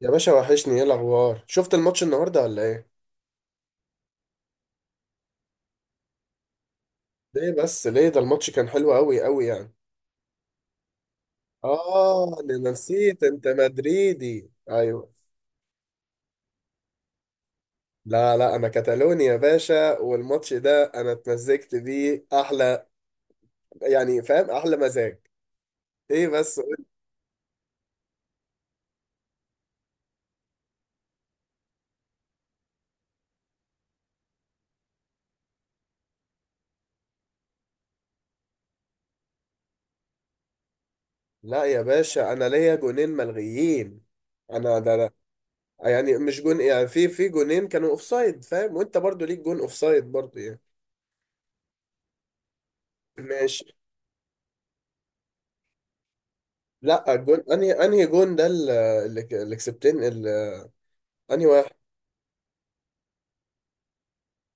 يا باشا وحشني، ايه الاخبار؟ شفت الماتش النهارده ولا ايه؟ ليه بس ليه؟ ده الماتش كان حلو قوي قوي يعني. اه، ده انا نسيت، انت مدريدي. ايوه. لا لا، انا كتالوني يا باشا، والماتش ده انا اتمزجت بيه احلى، يعني فاهم؟ احلى مزاج. ايه بس؟ لا يا باشا، انا ليا جونين ملغيين. انا ده لا. يعني مش جون يعني، في جونين كانوا اوفسايد، فاهم؟ وانت برضو ليك جون اوفسايد برضو يعني. ماشي. لا، الجون انهي جون ده؟ ال- اللي ك- اللي كسبتين ال- انهي واحد؟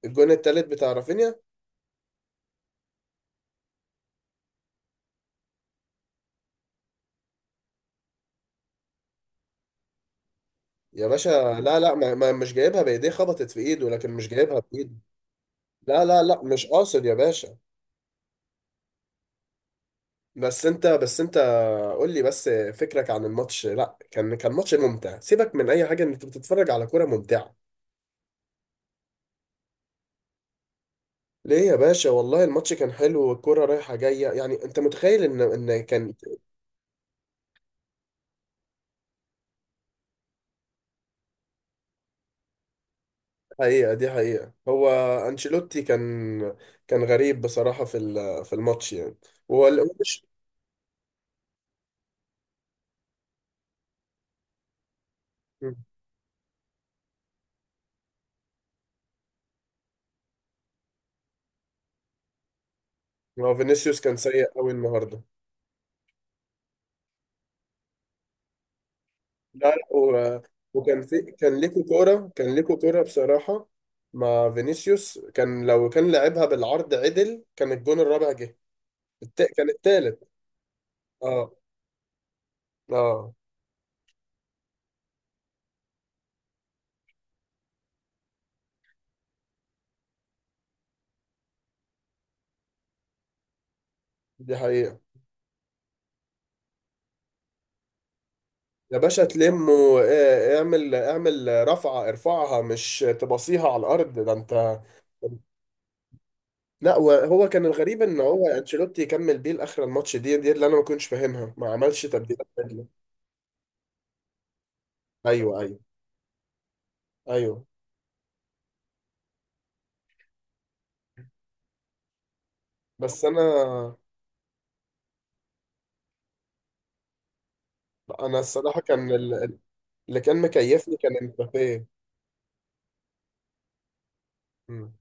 الجون التالت بتاع رافينيا. يا باشا، لا لا، ما ما مش جايبها بايديه، خبطت في ايده، لكن مش جايبها بايده. لا لا لا، مش قاصد يا باشا. بس انت، قول لي بس فكرك عن الماتش. لا، كان ماتش ممتع، سيبك من اي حاجه، ان انت بتتفرج على كوره ممتعه. ليه يا باشا؟ والله الماتش كان حلو، والكوره رايحه جايه، يعني انت متخيل ان كان؟ حقيقة، دي حقيقة. هو أنشيلوتي كان، كان غريب بصراحة في الماتش يعني. هو ال- مش- هو فينيسيوس كان سيء قوي النهاردة. لا لا هو- وكان في، كان ليكو كورة بصراحة مع فينيسيوس، كان لو كان لعبها بالعرض عدل كان الجون الرابع جه. كان التالت. اه، اه، دي حقيقة. يا باشا تلم، واعمل رفعة، ارفعها، مش تبصيها على الأرض، ده انت. لا، وهو كان الغريب ان هو انشيلوتي يكمل بيه لاخر الماتش، دي اللي انا ما كنتش فاهمها، ما عملش تبديلات بدري. ايوه، ايوه، ايوه. بس انا الصراحه كان اللي كان مكيفني كان امبابي. مم.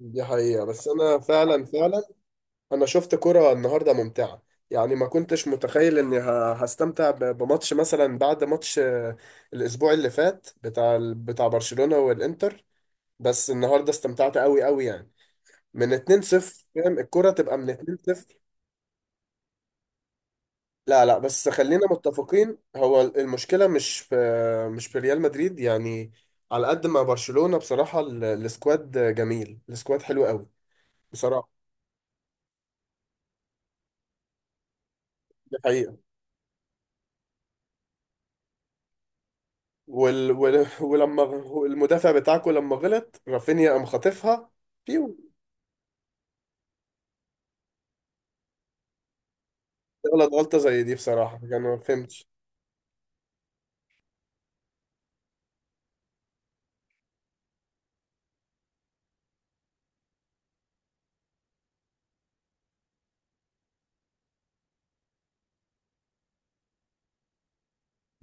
دي حقيقه، بس انا فعلا فعلا انا شفت كره النهارده ممتعه، يعني ما كنتش متخيل اني هستمتع بماتش مثلا، بعد ماتش الاسبوع اللي فات بتاع بتاع برشلونه والانتر. بس النهارده استمتعت قوي قوي يعني، من 2-0، فاهم الكرة تبقى من 2-0. لا لا، بس خلينا متفقين، هو المشكلة مش في، مش في ريال مدريد يعني. على قد ما برشلونة بصراحة، السكواد جميل، السكواد حلو قوي بصراحة. دي حقيقة. ولما المدافع بتاعكو لما غلط، رافينيا قام خاطفها فيو. غلط غلطة زي دي بصراحة، يعني ما فهمتش.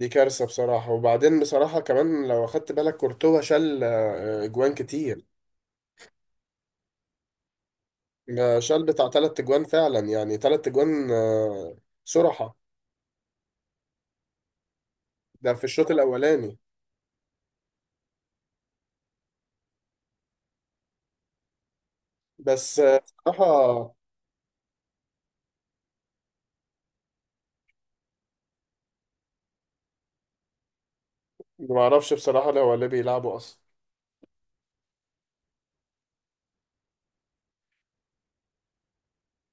دي كارثة بصراحة، وبعدين بصراحة كمان لو أخدت بالك، كورتوا شال أجوان كتير. ده شال بتاع تلات تجوان فعلا، يعني تلات تجوان صراحة. ده في الشوط الأولاني. بس آه، بصراحة، ما أعرفش بصراحة لو هو اللي بيلعبوا أصلا.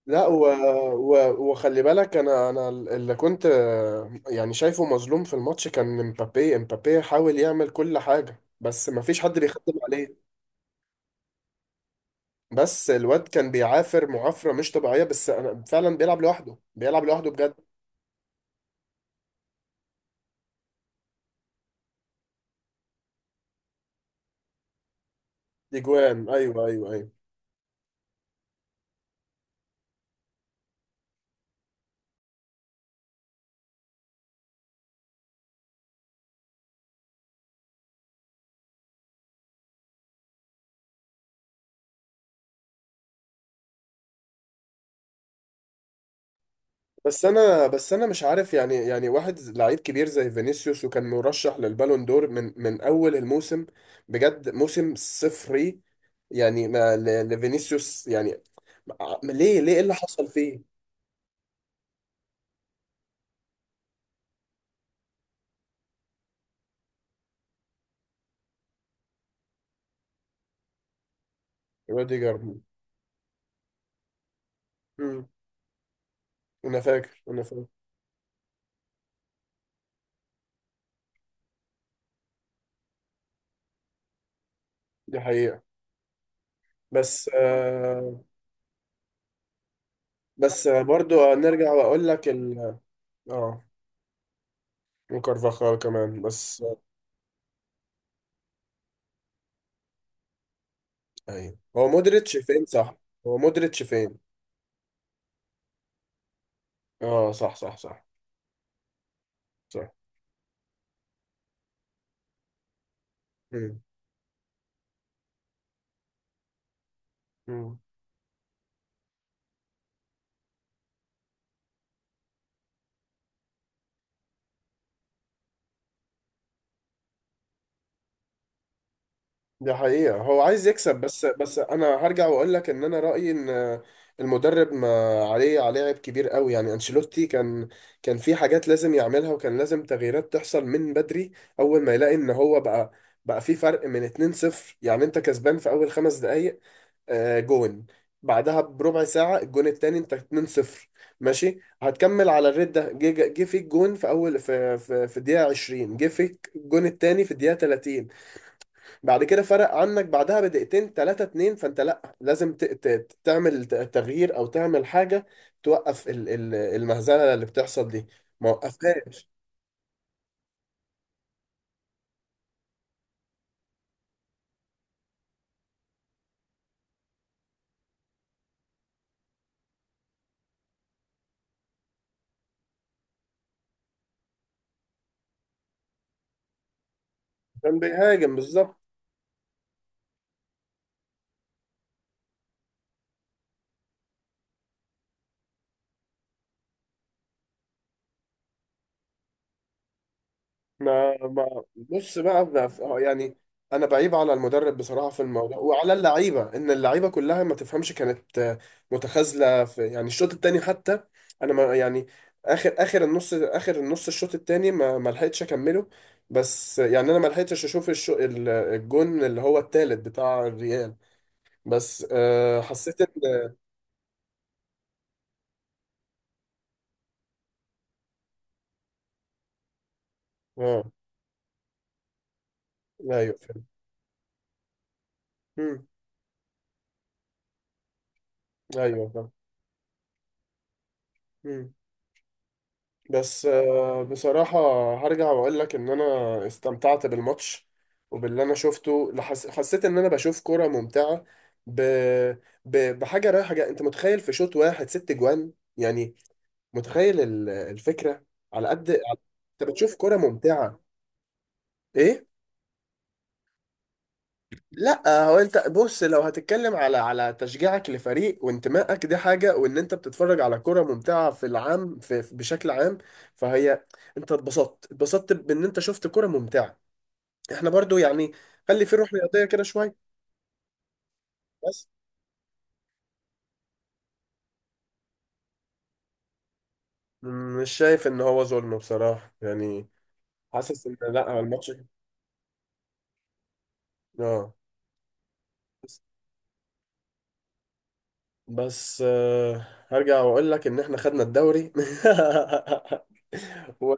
لا، وخلي بالك، أنا اللي كنت يعني شايفه مظلوم في الماتش كان امبابي، حاول يعمل كل حاجة، بس ما فيش حد بيخدم عليه. بس الواد كان بيعافر معافرة مش طبيعية، بس أنا فعلا بيلعب لوحده، بيلعب لوحده بجد. أجوان، أيوه أيوه أيوه. بس انا، بس انا مش عارف يعني واحد لعيب كبير زي فينيسيوس وكان مرشح للبالون دور، من اول الموسم بجد موسم صفري يعني، ما ل- لفينيسيوس يعني؟ ليه؟ ليه؟ ايه اللي حصل فيه؟ روديجر. مم. انا فاكر، انا فاكر. دي حقيقة. بس آه. بس آه، برضو نرجع واقول لك اه، وكارفاخال كمان بس آه. ايوه، هو مودريتش فين، صح؟ هو مودريتش فين؟ اه صح، صح، صح. صح. مم. مم. دي حقيقة، هو عايز يكسب، بس انا هرجع واقول لك ان انا رأيي ان المدرب ما، عليه عيب كبير قوي يعني. انشيلوتي كان، كان في حاجات لازم يعملها، وكان لازم تغييرات تحصل من بدري. اول ما يلاقي ان هو بقى، بقى في فرق من 2-0، يعني انت كسبان في اول خمس دقايق جون، بعدها بربع ساعة الجون التاني، انت 2-0 ماشي هتكمل على الريت ده. جه فيك جون في اول، في الدقيقة 20، جه فيك الجون التاني في الدقيقة 30. بعد كده فرق عنك بعدها بدقيقتين، تلاتة اتنين، فانت لا لازم تعمل، تغيير او تعمل حاجة، توقف المهزلة اللي بتحصل دي. ما وقفهاش. كان بيهاجم بالظبط. ما ما بص بقى، يعني انا بعيب على المدرب بصراحه في الموضوع، وعلى اللعيبه، ان اللعيبه كلها ما تفهمش، كانت متخاذله في يعني الشوط التاني حتى. انا ما يعني، اخر النص، الشوط التاني ما ما لحقتش اكمله. بس آه، يعني انا ما لحقتش اشوف الجون اللي هو التالت بتاع الريال، بس آه، حسيت ان، اه. ايوه فاهم. مم، ايوه فاهم. مم. بس آه، بصراحة هرجع وأقول لك إن أنا استمتعت بالماتش، وباللي أنا شفته حسيت إن أنا بشوف كرة ممتعة، ب... بحاجة رايحة جاية. أنت متخيل في شوط واحد ست جوان يعني؟ متخيل الفكرة؟ على قد على- أنت بتشوف كرة ممتعة، إيه؟ لا، هو انت بص، لو هتتكلم على تشجيعك لفريق وانتمائك دي حاجة، وان انت بتتفرج على كرة ممتعة في العام، بشكل عام، فهي، انت اتبسطت، بان انت شفت كرة ممتعة. احنا برضو يعني خلي في روح رياضية كده شوية. بس، مش شايف ان هو ظلم بصراحة يعني. حاسس ان لا، هو الماتش، اه. بس، بس، آه، هرجع واقول لك ان احنا خدنا الدوري. و...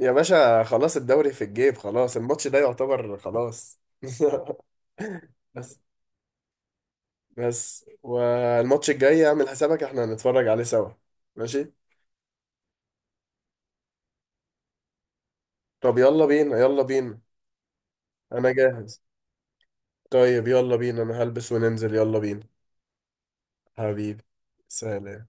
يا باشا خلاص، الدوري في الجيب، خلاص الماتش ده يعتبر خلاص. بس، بس والماتش الجاي اعمل حسابك احنا هنتفرج عليه سوا. ماشي. طب يلا بينا، يلا بينا. انا جاهز. طيب يلا بينا، انا هلبس وننزل، يلا بينا. حبيبي، سلام.